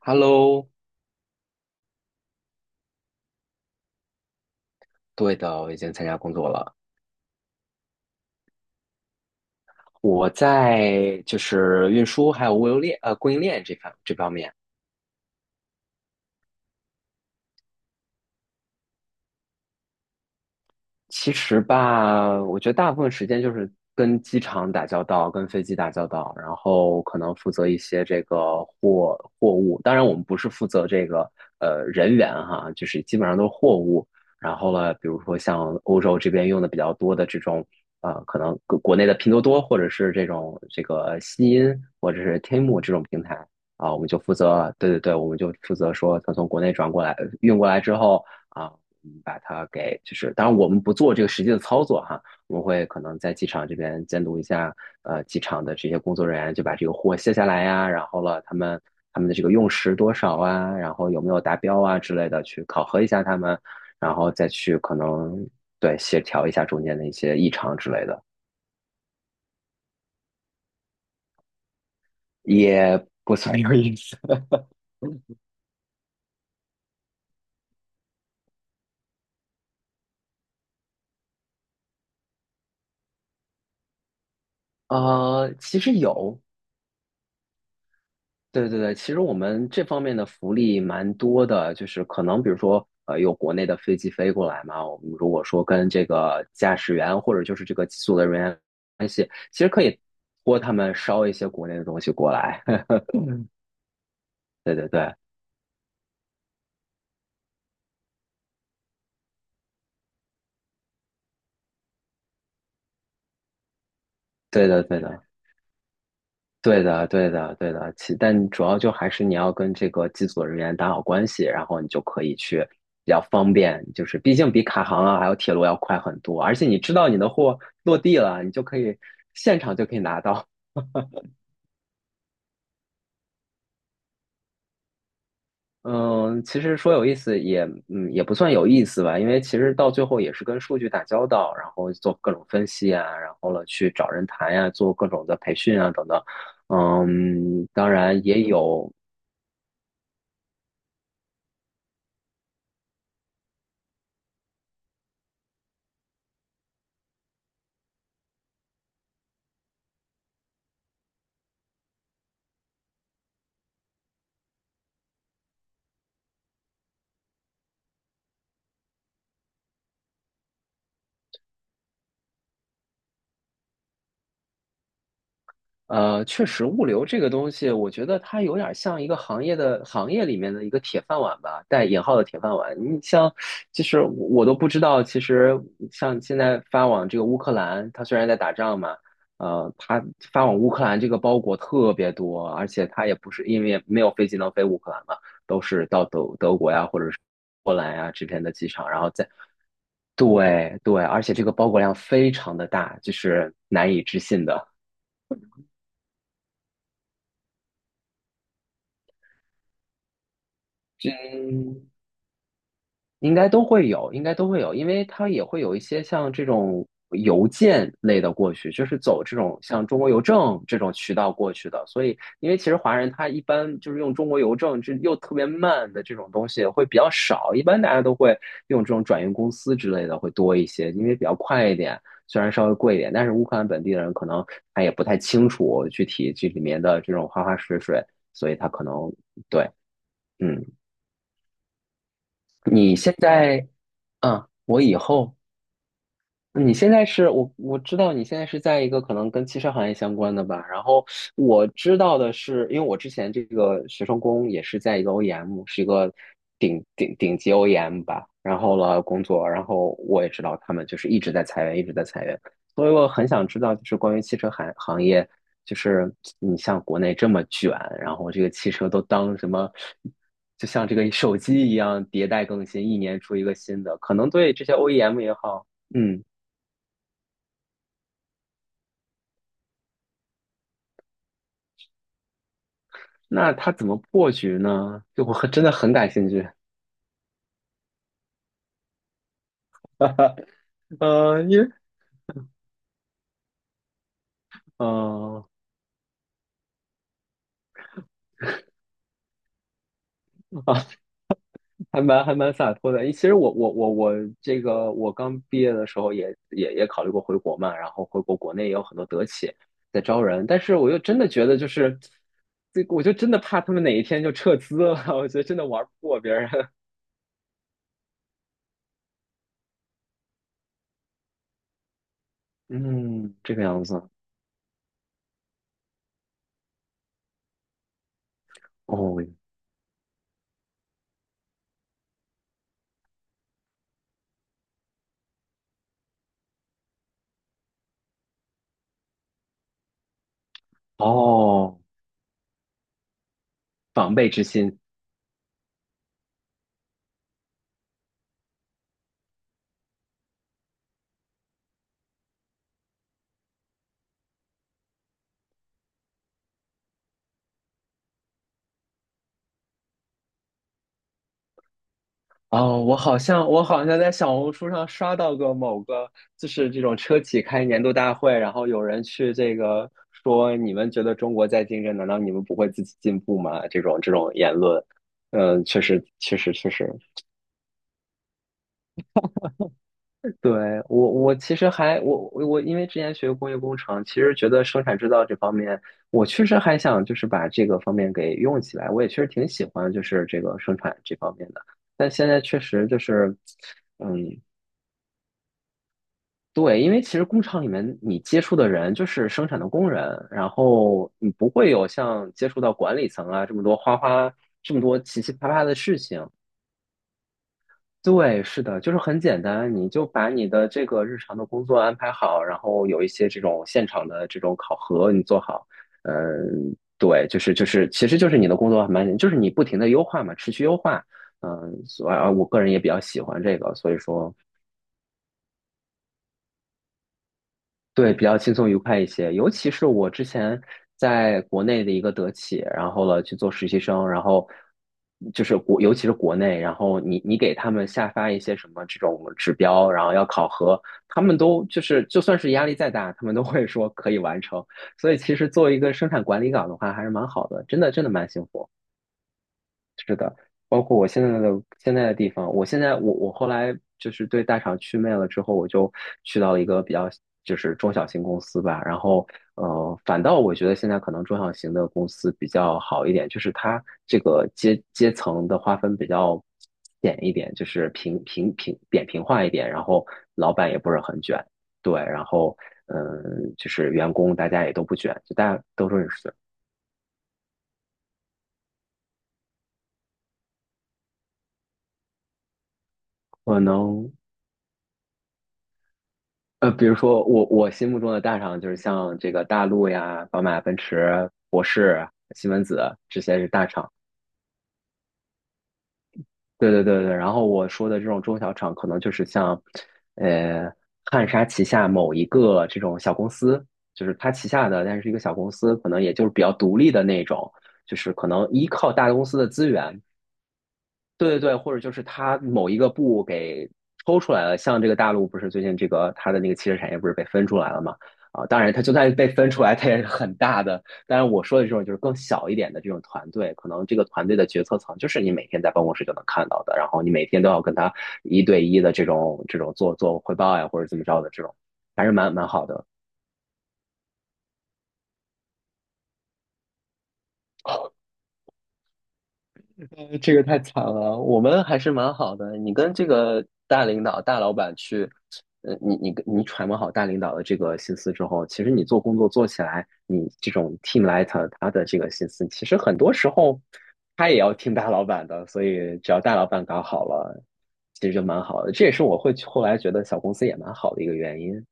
Hello。对的，我已经参加工作了。我在就是运输还有物流链供应链这方面。其实吧，我觉得大部分时间就是跟机场打交道，跟飞机打交道，然后可能负责一些这个货物。当然，我们不是负责这个人员哈，就是基本上都是货物。然后呢，比如说像欧洲这边用的比较多的这种可能国内的拼多多或者是这种这个西音或者是天 e 这种平台啊，我们就负责，对对对，我们就负责说，它从国内转过来运过来之后。啊。把它给就是，当然我们不做这个实际的操作哈，我们会可能在机场这边监督一下，呃，机场的这些工作人员就把这个货卸下来呀，然后了他们他们的这个用时多少啊，然后有没有达标啊之类的，去考核一下他们，然后再去可能对协调一下中间的一些异常之类的，也不算有意思。其实有，对对对，其实我们这方面的福利蛮多的，就是可能比如说，呃，有国内的飞机飞过来嘛，我们如果说跟这个驾驶员或者就是这个机组的人员关系，其实可以托他们捎一些国内的东西过来。对对对，对的对的。对的，对的，对的。其但主要就还是你要跟这个机组人员打好关系，然后你就可以去比较方便，就是毕竟比卡航啊还有铁路要快很多，而且你知道你的货落地了，你就可以现场就可以拿到。嗯，其实说有意思也也不算有意思吧，因为其实到最后也是跟数据打交道，然后做各种分析啊，然后了去找人谈呀、做各种的培训啊等等。嗯，当然也有，确实，物流这个东西，我觉得它有点像一个行业的行业里面的一个铁饭碗吧，带引号的铁饭碗。你像，其实我都不知道，其实像现在发往这个乌克兰，它虽然在打仗嘛，呃，它发往乌克兰这个包裹特别多，而且它也不是因为没有飞机能飞乌克兰嘛，都是到德国呀，或者是波兰呀这边的机场，然后再对对，而且这个包裹量非常的大，就是难以置信的。应该都会有，应该都会有，因为它也会有一些像这种邮件类的过去，就是走这种像中国邮政这种渠道过去的。所以，因为其实华人他一般就是用中国邮政，这又特别慢的这种东西会比较少，一般大家都会用这种转运公司之类的会多一些，因为比较快一点，虽然稍微贵一点，但是乌克兰本地人可能他也不太清楚具体这里面的这种花花水水，所以他可能对，嗯。你现在，嗯，我以后，你现在是我知道你现在是在一个可能跟汽车行业相关的吧，然后我知道的是，因为我之前这个学生工也是在一个 OEM,是一个顶级 OEM 吧，然后了工作，然后我也知道他们就是一直在裁员，一直在裁员，所以我很想知道就是关于汽车行业，就是你像国内这么卷，然后这个汽车都当什么？就像这个手机一样迭代更新，一年出一个新的，可能对这些 OEM 也好，嗯。那他怎么破局呢？就我很真的很感兴趣。因为嗯呃啊，还蛮洒脱的。其实我这个我刚毕业的时候也考虑过回国嘛，然后回国国内也有很多德企在招人，但是我又真的觉得就是这个我就真的怕他们哪一天就撤资了，我觉得真的玩不过别人。嗯，这个样子。哦哦，防备之心。哦，我好像在小红书上刷到过某个，就是这种车企开年度大会，然后有人去这个说，你们觉得中国在竞争，难道你们不会自己进步吗？这种这种言论，嗯，确实，对我其实还我我我因为之前学工业工程，其实觉得生产制造这方面，我确实还想就是把这个方面给用起来，我也确实挺喜欢就是这个生产这方面的。但现在确实就是，嗯，对，因为其实工厂里面你接触的人就是生产的工人，然后你不会有像接触到管理层啊这么多花花这么多奇葩的事情。对，是的，就是很简单，你就把你的这个日常的工作安排好，然后有一些这种现场的这种考核你做好。嗯，对，就是，其实就是你的工作还蛮简，就是你不停的优化嘛，持续优化。嗯，所以啊，我个人也比较喜欢这个，所以说。对，比较轻松愉快一些。尤其是我之前在国内的一个德企，然后了去做实习生，然后就是国，尤其是国内，然后你给他们下发一些什么这种指标，然后要考核，他们都就是就算是压力再大，他们都会说可以完成。所以其实作为一个生产管理岗的话，还是蛮好的，真的蛮幸福。是的，包括我现在的现在的地方，我现在我后来就是对大厂祛魅了之后，我就去到了一个比较就是中小型公司吧，然后呃，反倒我觉得现在可能中小型的公司比较好一点，就是它这个阶层的划分比较扁一点，就是平平平扁平化一点，然后老板也不是很卷，对，然后嗯，就是员工大家也都不卷，就大家都是可能。呃，比如说我我心目中的大厂就是像这个大陆呀、宝马、奔驰、博世、西门子这些是大厂。对，然后我说的这种中小厂，可能就是像，呃，汉莎旗下某一个这种小公司，就是它旗下的，但是一个小公司，可能也就是比较独立的那种，就是可能依靠大公司的资源，对对对，或者就是它某一个部给抽出来了，像这个大陆不是最近这个它的那个汽车产业不是被分出来了嘛？啊，当然它就算被分出来，它也是很大的。当然我说的这种就是更小一点的这种团队，可能这个团队的决策层就是你每天在办公室就能看到的，然后你每天都要跟他一对一的这种这种做汇报呀，或者怎么着的这种，还是蛮好的。呃，这个太惨了，我们还是蛮好的。你跟这个大领导、大老板去，呃，你跟你揣摩好大领导的这个心思之后，其实你做工作做起来，你这种 team lead 他的这个心思，其实很多时候他也要听大老板的，所以只要大老板搞好了，其实就蛮好的。这也是我会后来觉得小公司也蛮好的一个原因。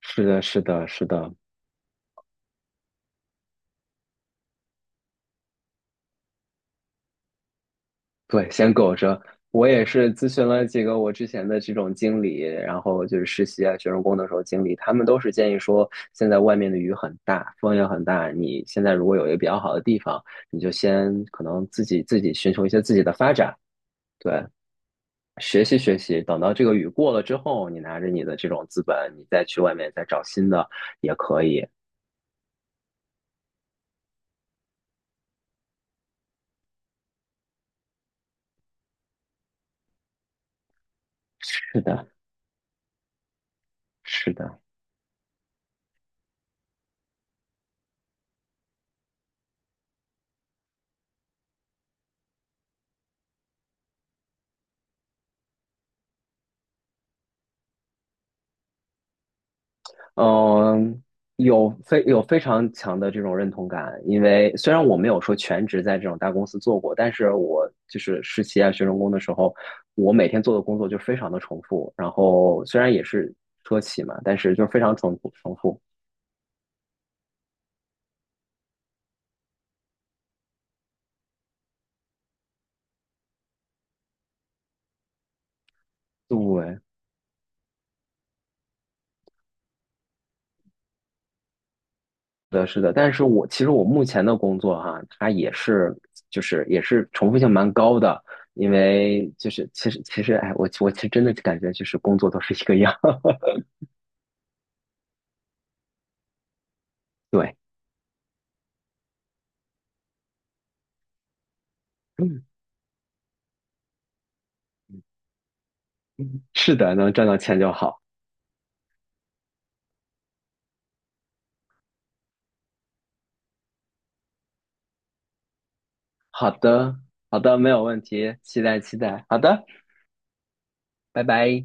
是的，是的，是的。对，先苟着。我也是咨询了几个我之前的这种经理，然后就是实习啊、学生工的时候经理，他们都是建议说，现在外面的雨很大，风也很大，你现在如果有一个比较好的地方，你就先可能自己寻求一些自己的发展，对，学习学习，等到这个雨过了之后，你拿着你的这种资本，你再去外面再找新的也可以。是的，是的。嗯，有非常强的这种认同感，因为虽然我没有说全职在这种大公司做过，但是我就是实习啊、学生工的时候，我每天做的工作就非常的重复。然后虽然也是车企嘛，但是就是非常重复。对，是的，是的。但是我其实我目前的工作哈、它也是就是也是重复性蛮高的，因为就是其实哎，我其实真的感觉就是工作都是一个样。对，嗯是的，能赚到钱就好。好的，好的，没有问题，期待期待。好的，拜拜。